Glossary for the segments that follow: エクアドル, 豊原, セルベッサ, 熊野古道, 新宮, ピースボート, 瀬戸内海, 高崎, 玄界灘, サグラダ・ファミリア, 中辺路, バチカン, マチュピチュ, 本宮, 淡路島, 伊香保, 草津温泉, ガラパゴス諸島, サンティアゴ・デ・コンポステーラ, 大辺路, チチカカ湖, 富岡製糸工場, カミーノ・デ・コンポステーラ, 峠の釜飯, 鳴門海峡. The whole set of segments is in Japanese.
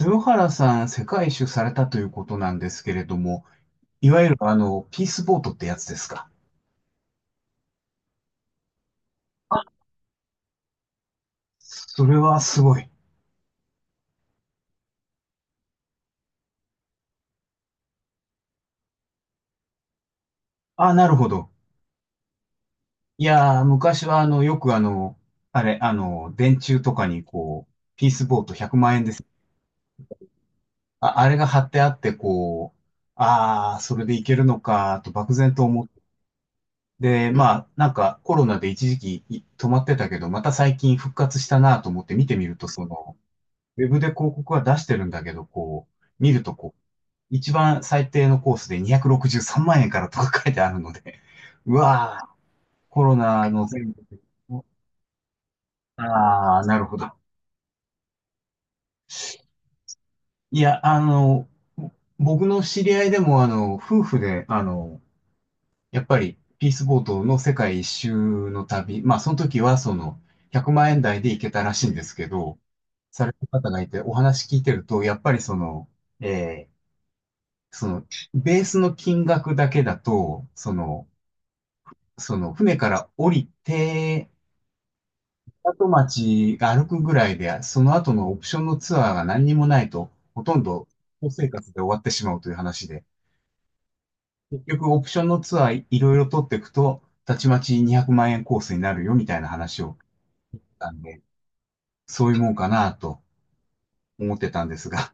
豊原さん、世界一周されたということなんですけれども、いわゆるピースボートってやつですか？それはすごい。あ、なるほど。いやー、昔はあの、よくあの、あれ、あの、電柱とかにこう、ピースボート100万円です。あ、あれが貼ってあって、こう、ああ、それでいけるのか、と漠然と思って。で、まあ、なんかコロナで一時期止まってたけど、また最近復活したなと思って見てみると、ウェブで広告は出してるんだけど、こう、見るとこう、一番最低のコースで263万円からとか書いてあるので、うわぁ、コロナの全部、ああ、なるほど。いや、僕の知り合いでも、夫婦で、やっぱり、ピースボートの世界一周の旅、まあ、その時は、100万円台で行けたらしいんですけど、された方がいて、お話聞いてると、やっぱりえーその、ベースの金額だけだと、船から降りて、港町が歩くぐらいで、その後のオプションのツアーが何にもないと、ほとんど生活で終わってしまうという話で、結局オプションのツアーいろいろ取っていくと、たちまち200万円コースになるよみたいな話をしたんで、そういうもんかなと思ってたんですが。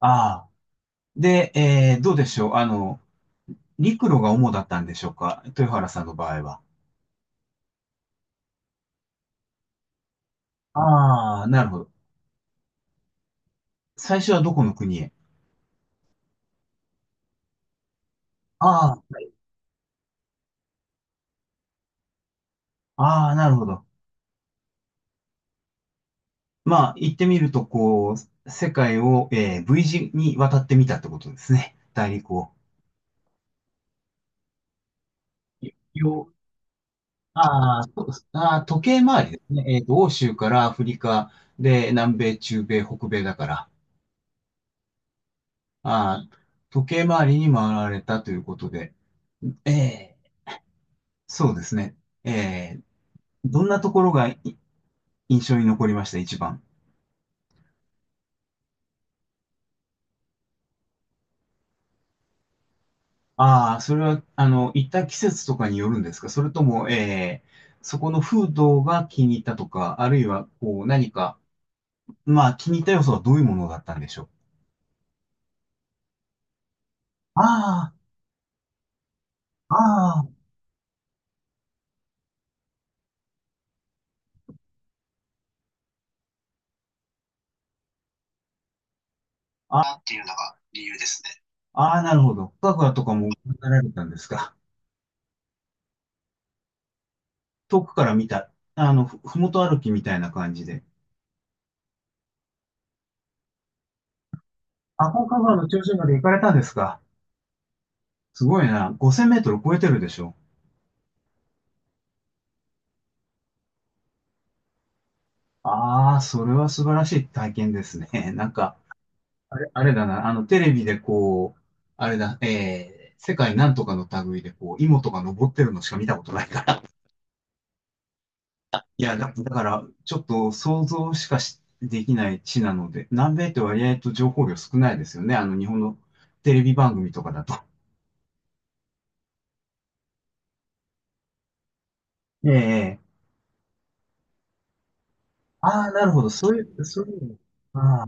ああ。で、どうでしょう？陸路が主だったんでしょうか？豊原さんの場合は。ああ、なるほど。最初はどこの国へ？ああ、ああ、なるほど。まあ、言ってみると、こう、世界を、V 字に渡ってみたってことですね。大陸を。よ、あーそうあー、時計回りですね。欧州からアフリカで、南米、中米、北米だから、あー時計回りに回られたということで、えーそうですね。えーどんなところが印象に残りました、一番？ああ、それは、行った季節とかによるんですか？それとも、そこの風土が気に入ったとか、あるいは、こう、何か、まあ、気に入った要素はどういうものだったんでしょう？ああ、ああ、ああ、っていうのが理由ですね。ああなるほど。深くとかも行かれたんですか？遠くから見た、ふもと歩きみたいな感じで。あ、高架川の頂上まで行かれたんですか？すごいな。5000メートル超えてるでしょ？ああ、それは素晴らしい体験ですね。なんか、あれだな、テレビでこう、あれだ、世界なんとかの類で、こう、芋とか登ってるのしか見たことないから。いや、だから、ちょっと想像しかしできない地なので、南米って割合と情報量少ないですよね。日本のテレビ番組とかだと。ええ、ああー、なるほど。そういうの、ああ、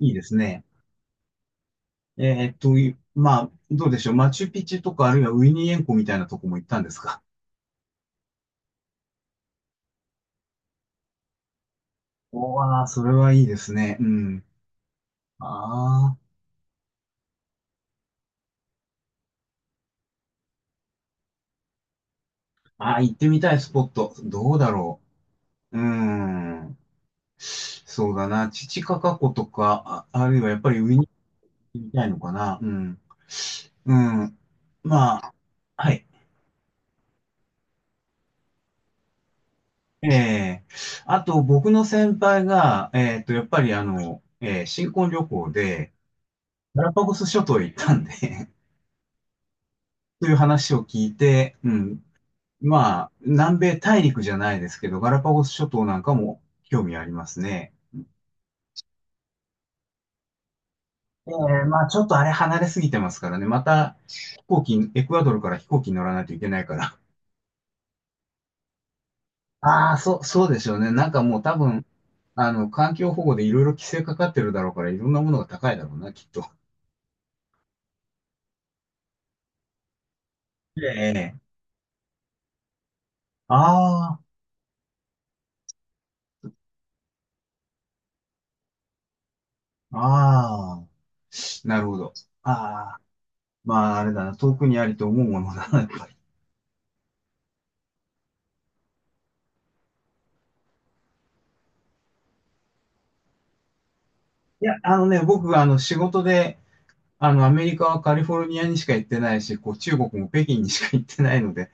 いいですね。まあ、どうでしょう？マチュピチュとか、あるいはウィニーエンコみたいなとこも行ったんですか？おー、それはいいですね。うん。ああ。ああ、行ってみたいスポット。どうだろう。うーん。そうだな。チチカカ湖とか、あ、あるいはやっぱり上に行ってみたいのかな。うん。うん。まあ、はい。ええ、あと、僕の先輩が、やっぱり新婚旅行で、ガラパゴス諸島へ行ったんで という話を聞いて、うん。まあ、南米大陸じゃないですけど、ガラパゴス諸島なんかも興味ありますね。ええ、まあちょっとあれ離れすぎてますからね。また飛行機、エクアドルから飛行機に乗らないといけないから。ああ、そう、そうでしょうね。なんかもう多分、環境保護でいろいろ規制かかってるだろうから、いろんなものが高いだろうな、きっと。ええ、ああ、ああ、なるほど。ああ、まああれだな、遠くにありと思うものだな、やっぱり。いや、あのね、僕、仕事で、アメリカはカリフォルニアにしか行ってないし、こう、中国も北京にしか行ってないので、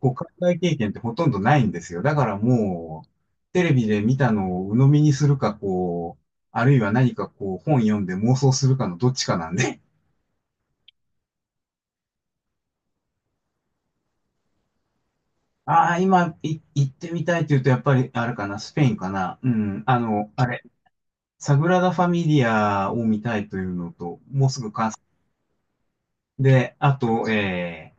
こう、海外経験ってほとんどないんですよ。だからもう、テレビで見たのを鵜呑みにするか、こう、あるいは何かこう、本読んで妄想するかのどっちかなんで。ああ、今、行ってみたいって言うと、やっぱり、あれかな、スペインかな。うん、あの、あれ、サグラダ・ファミリアを見たいというのと、もうすぐ完成。で、あと、え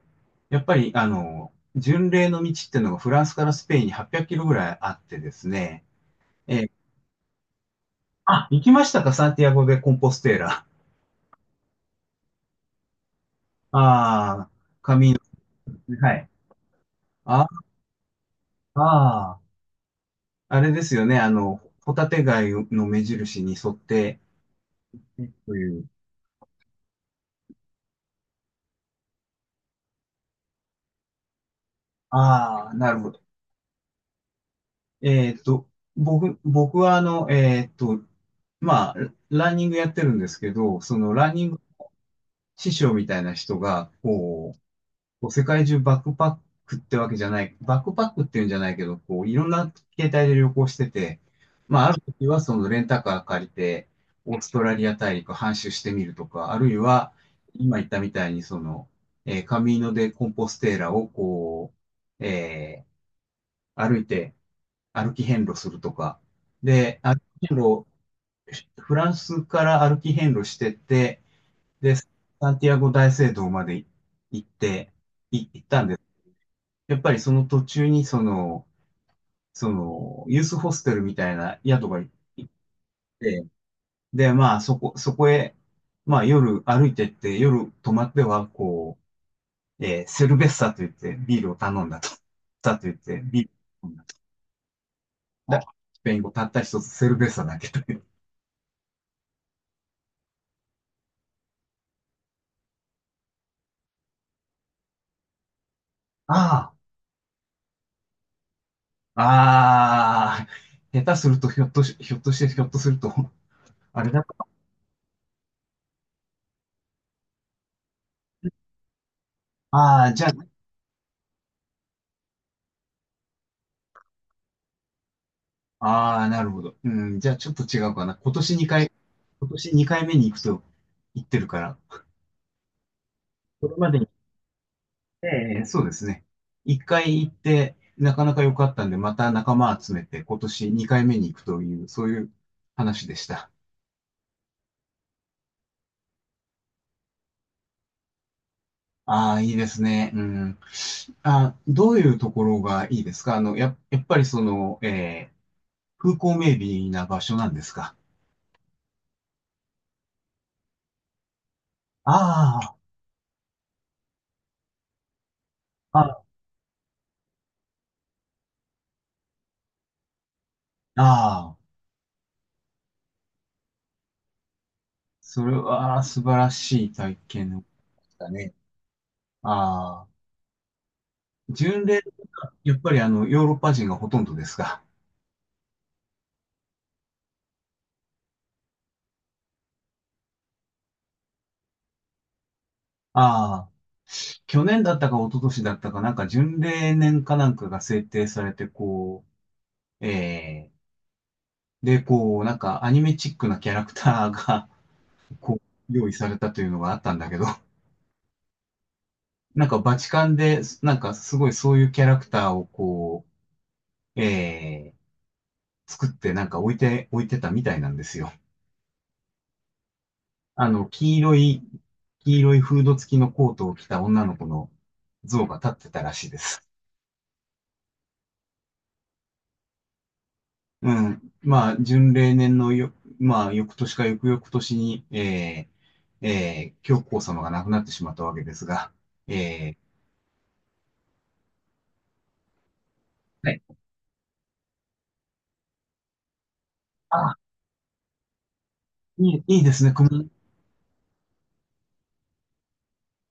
ー、やっぱり、巡礼の道っていうのがフランスからスペインに800キロぐらいあってですね、えーあ、行きましたか、サンティアゴ・でコンポステーラ？ああ、はい。ああー、あれですよね。ホタテ貝の目印に沿って、という。ああ、なるほど。えっと、僕はまあ、ランニングやってるんですけど、そのランニング師匠みたいな人が、こう、世界中バックパックってわけじゃない、バックパックっていうんじゃないけど、こういろんな携帯で旅行してて、まあある時はそのレンタカー借りて、オーストラリア大陸半周してみるとか、あるいは今言ったみたいにその、カミーノ・デ・コンポステーラをこう、歩いて歩き遍路するとか、で、歩き遍路、フランスから歩き遍路してって、で、サンティアゴ大聖堂まで行って、行ったんです。やっぱりその途中にユースホステルみたいな宿が行って、で、まあそこへ、まあ夜歩いてって、夜泊まっては、こう、セルベッサと言ってビールを頼んだと。サと言ってビールを頼んだと。だスペイン語たった一つセルベッサだけという。ああ、ああ、下手するとひょっとすると、あれだった。ああ、じゃあ、ああ、なるほど。うん、じゃあちょっと違うかな。今年2回目に行くと言ってるから、これまでに、ええ、そうですね。1回行って、なかなか良かったんで、また仲間集めて、今年2回目に行くという、そういう話でした。ああ、いいですね。うん。あ、どういうところがいいですか？やっぱりその、風光明媚な場所なんですか？ああ、ああ、それは素晴らしい体験だね。ああ。巡礼がやっぱりヨーロッパ人がほとんどですが、ああ、去年だったか一昨年だったかなんか巡礼年かなんかが制定されて、こう、で、こう、なんかアニメチックなキャラクターが、こう、用意されたというのがあったんだけど、なんかバチカンで、なんかすごいそういうキャラクターをこう、作ってなんか置いてたみたいなんですよ。あの、黄色い、黄色いフード付きのコートを着た女の子の像が立ってたらしいです。うん。まあ、準例年のよ、まあ、翌年か翌々年に、教皇様が亡くなってしまったわけですが、えはい。あ、いいですね、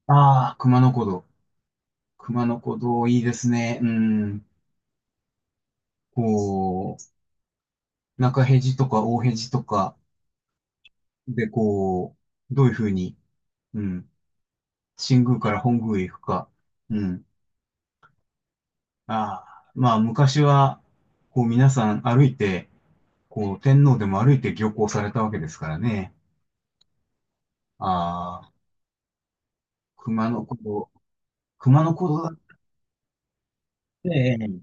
ああ、熊野古道。熊野古道、いいですね。うん。こう、中辺路とか大辺路とかで、こう、どういうふうに、うん、新宮から本宮へ行くか。うん。ああ、まあ、昔は、こう、皆さん歩いて、こう、天皇でも歩いて漁港されたわけですからね。ああ、熊野古道、熊野古道だ。ええ、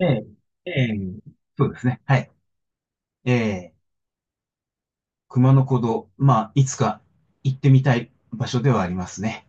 ええ、ええ、そうですね。はい。ええ、熊野古道、まあ、いつか行ってみたい場所ではありますね。